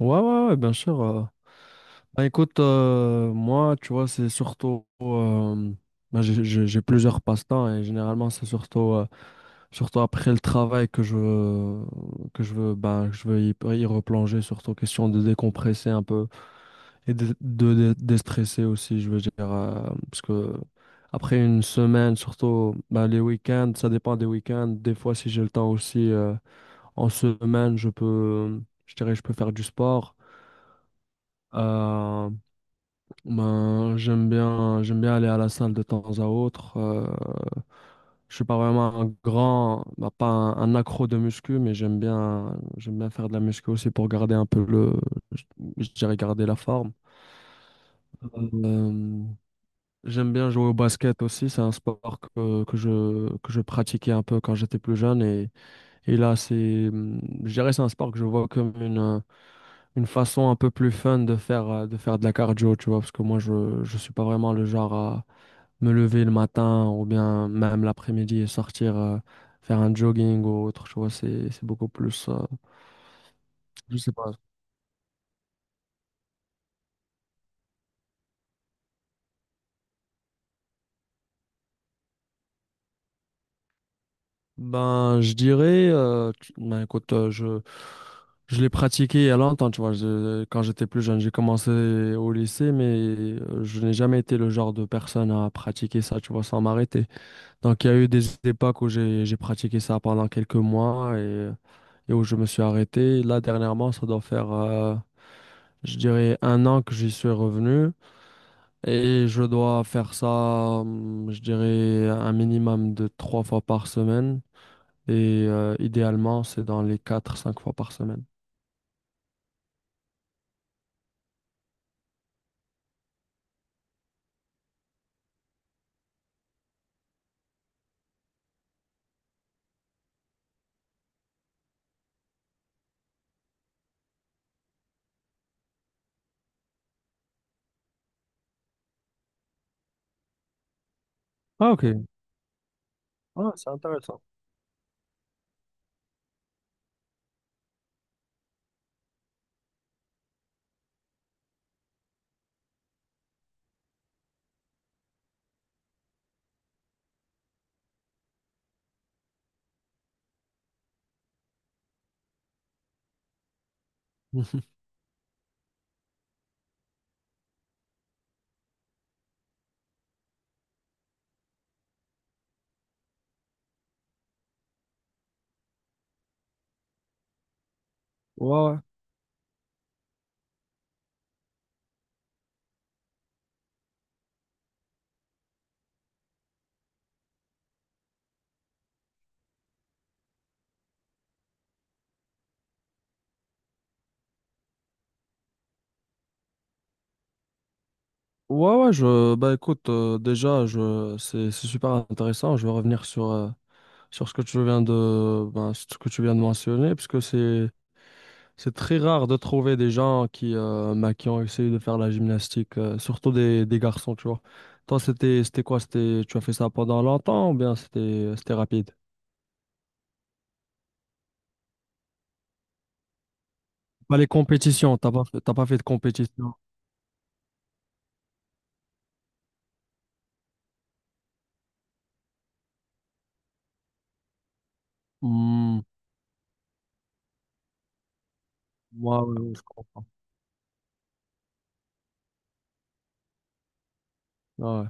Ouais, ouais, ouais, bien sûr. Bah, écoute, moi, tu vois, c'est surtout, j'ai plusieurs passe-temps et généralement, c'est surtout, surtout après le travail que je veux, bah, que je veux y replonger, surtout question de décompresser un peu et de déstresser aussi, je veux dire. Parce que après une semaine, surtout bah, les week-ends, ça dépend des week-ends. Des fois, si j'ai le temps aussi, en semaine, je dirais, je peux faire du sport. Euh, ben, j'aime bien aller à la salle de temps à autre. Je suis pas vraiment un grand, bah, pas un, un accro de muscu, mais j'aime bien faire de la muscu aussi pour garder un peu le, je je dirais garder la forme. Euh, J'aime bien jouer au basket aussi. C'est un sport que je pratiquais un peu quand j'étais plus jeune et là c'est, je dirais c'est un sport que je vois comme une façon un peu plus fun de faire, de faire de la cardio, tu vois, parce que je suis pas vraiment le genre à me lever le matin ou bien même l'après-midi et sortir faire un jogging ou autre, tu vois, c'est beaucoup plus, je sais pas. Ben, je dirais, écoute, je l'ai pratiqué il y a longtemps, tu vois, je- quand j'étais plus jeune, j'ai commencé au lycée, mais je n'ai jamais été le genre de personne à pratiquer ça, tu vois, sans m'arrêter. Donc, il y a eu des époques où j'ai pratiqué ça pendant quelques mois et où je me suis arrêté. Là, dernièrement, ça doit faire, je dirais, un an que j'y suis revenu. Et je dois faire ça, je dirais, un minimum de trois fois par semaine. Et idéalement, c'est dans les quatre, cinq fois par semaine. Ah, ok. Ah, c'est intéressant. Ouais, ouais. Ouais, ouais, bah écoute, déjà, c'est super intéressant. Je vais revenir sur, sur ce que tu viens de, ben, ce que tu viens de mentionner, puisque c'est très rare de trouver des gens qui, ben, qui ont essayé de faire la gymnastique, surtout des garçons, tu vois. Toi, c'était quoi? C'était, tu as fait ça pendant longtemps ou bien c'était rapide? Bah, les compétitions, t'as pas fait de compétition. Hmm, moi, ouais, ouais, je comprends. Ah, ouais.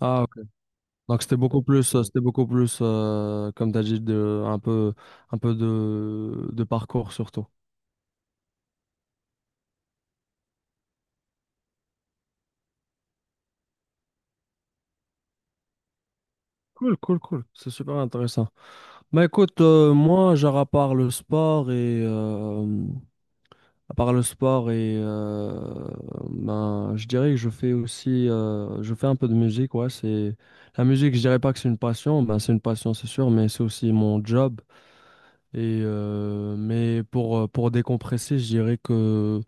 Ah, ok. Donc c'était beaucoup plus, euh, comme t'as dit, un peu de parcours surtout. Cool, cool, cool. C'est super intéressant. Bah écoute, moi, à part le sport et ben, je dirais que je fais aussi je fais un peu de musique, ouais, c'est la musique, je dirais pas que c'est une passion, ben c'est une passion c'est sûr, mais c'est aussi mon job et mais pour décompresser, je dirais que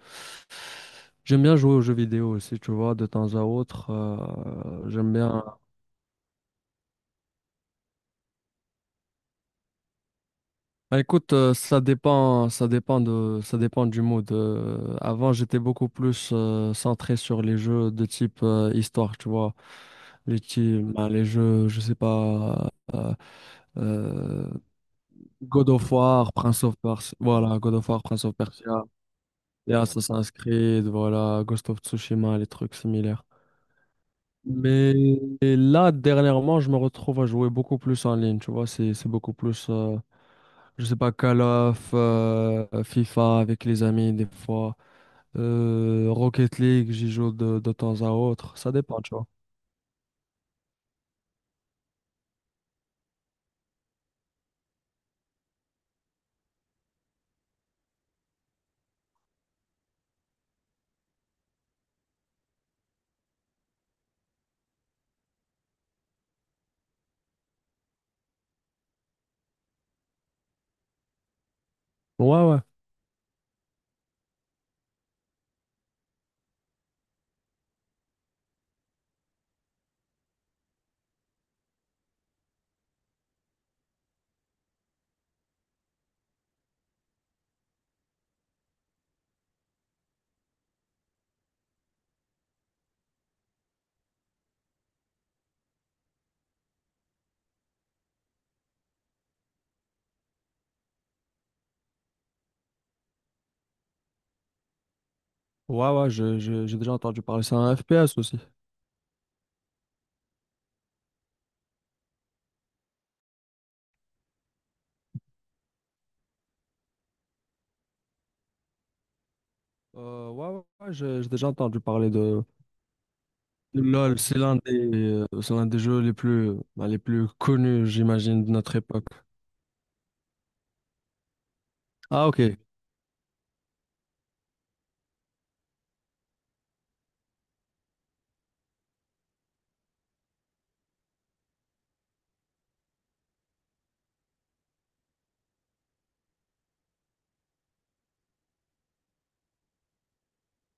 j'aime bien jouer aux jeux vidéo aussi, tu vois, de temps à autre, j'aime bien. Bah, écoute, ça dépend, ça dépend du mood. Avant, j'étais beaucoup plus centré sur les jeux de type histoire, tu vois. Les jeux, je sais pas, euh, God of War, Prince of Persia, voilà, God of War, Prince of Persia, et Assassin's Creed, voilà, Ghost of Tsushima, les trucs similaires. Mais et là, dernièrement, je me retrouve à jouer beaucoup plus en ligne, tu vois, c'est beaucoup plus. Je sais pas, Call of, FIFA avec les amis des fois, Rocket League, j'y joue de temps à autre, ça dépend, tu vois. Ouais, ouais, ouais, ouais, j'ai déjà entendu parler, c'est un FPS aussi. Ouais, ouais, ouais, j'ai déjà entendu parler de LoL, c'est l'un des jeux les plus, bah, les plus connus, j'imagine, de notre époque. Ah, ok.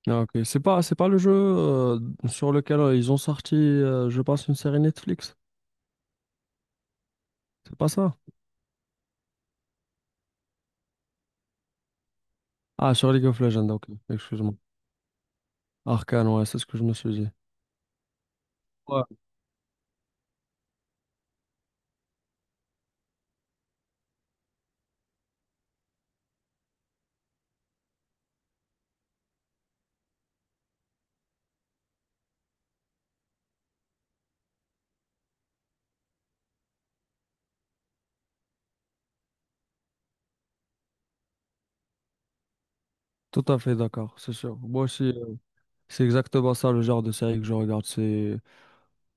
Ah, ok. C'est pas le jeu sur lequel ils ont sorti, je pense, une série Netflix. C'est pas ça? Ah, sur League of Legends, ok. Excuse-moi. Arcane, ouais, c'est ce que je me suis dit. Ouais. Tout à fait d'accord, c'est sûr. Moi aussi, c'est exactement ça le genre de série que je regarde. C'est,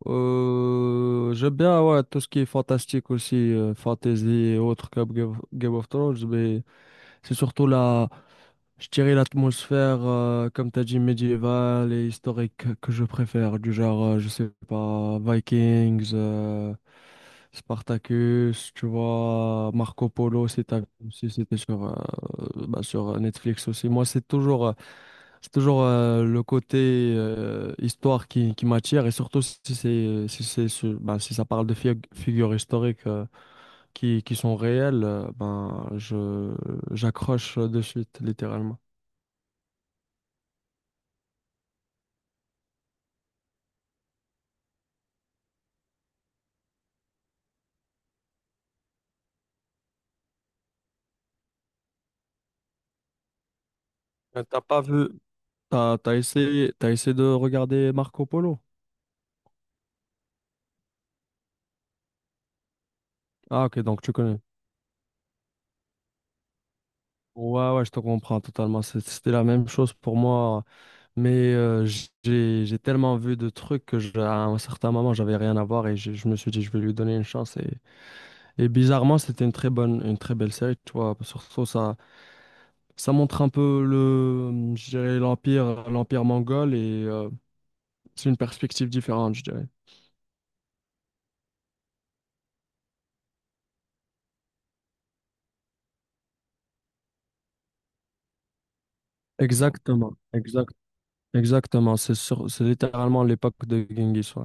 euh, J'aime bien, ouais, tout ce qui est fantastique aussi, fantasy et autres comme Game of Thrones, mais c'est surtout la, je dirais l'atmosphère, comme tu as dit, médiévale et historique que je préfère, du genre, je sais pas, Vikings, Spartacus, tu vois, Marco Polo, si t'as- si c'était sur, bah, sur Netflix aussi. Moi, c'est toujours, le côté histoire qui m'attire, et surtout si c'est, sur- bah, si ça parle de fig- figures historiques qui sont réelles, j'accroche de suite, littéralement. T'as pas vu, t'as essayé de regarder Marco Polo? Ah ok, donc tu connais. Ouais, ouais, je te comprends totalement. C'est- c'était la même chose pour moi, mais j'ai tellement vu de trucs que je- à un certain moment, j'avais rien à voir et je me suis dit, je vais lui donner une chance. Et bizarrement, c'était une très bonne, une très belle série, tu vois. Surtout, ça montre un peu le, je dirais, l'empire mongol et c'est une perspective différente, je dirais. Exactement, exactement. Exactement, c'est sur- c'est littéralement l'époque de Genghis, ouais.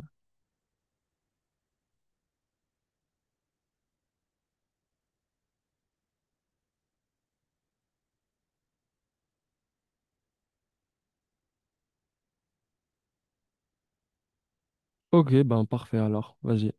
Ok, ben parfait alors, vas-y.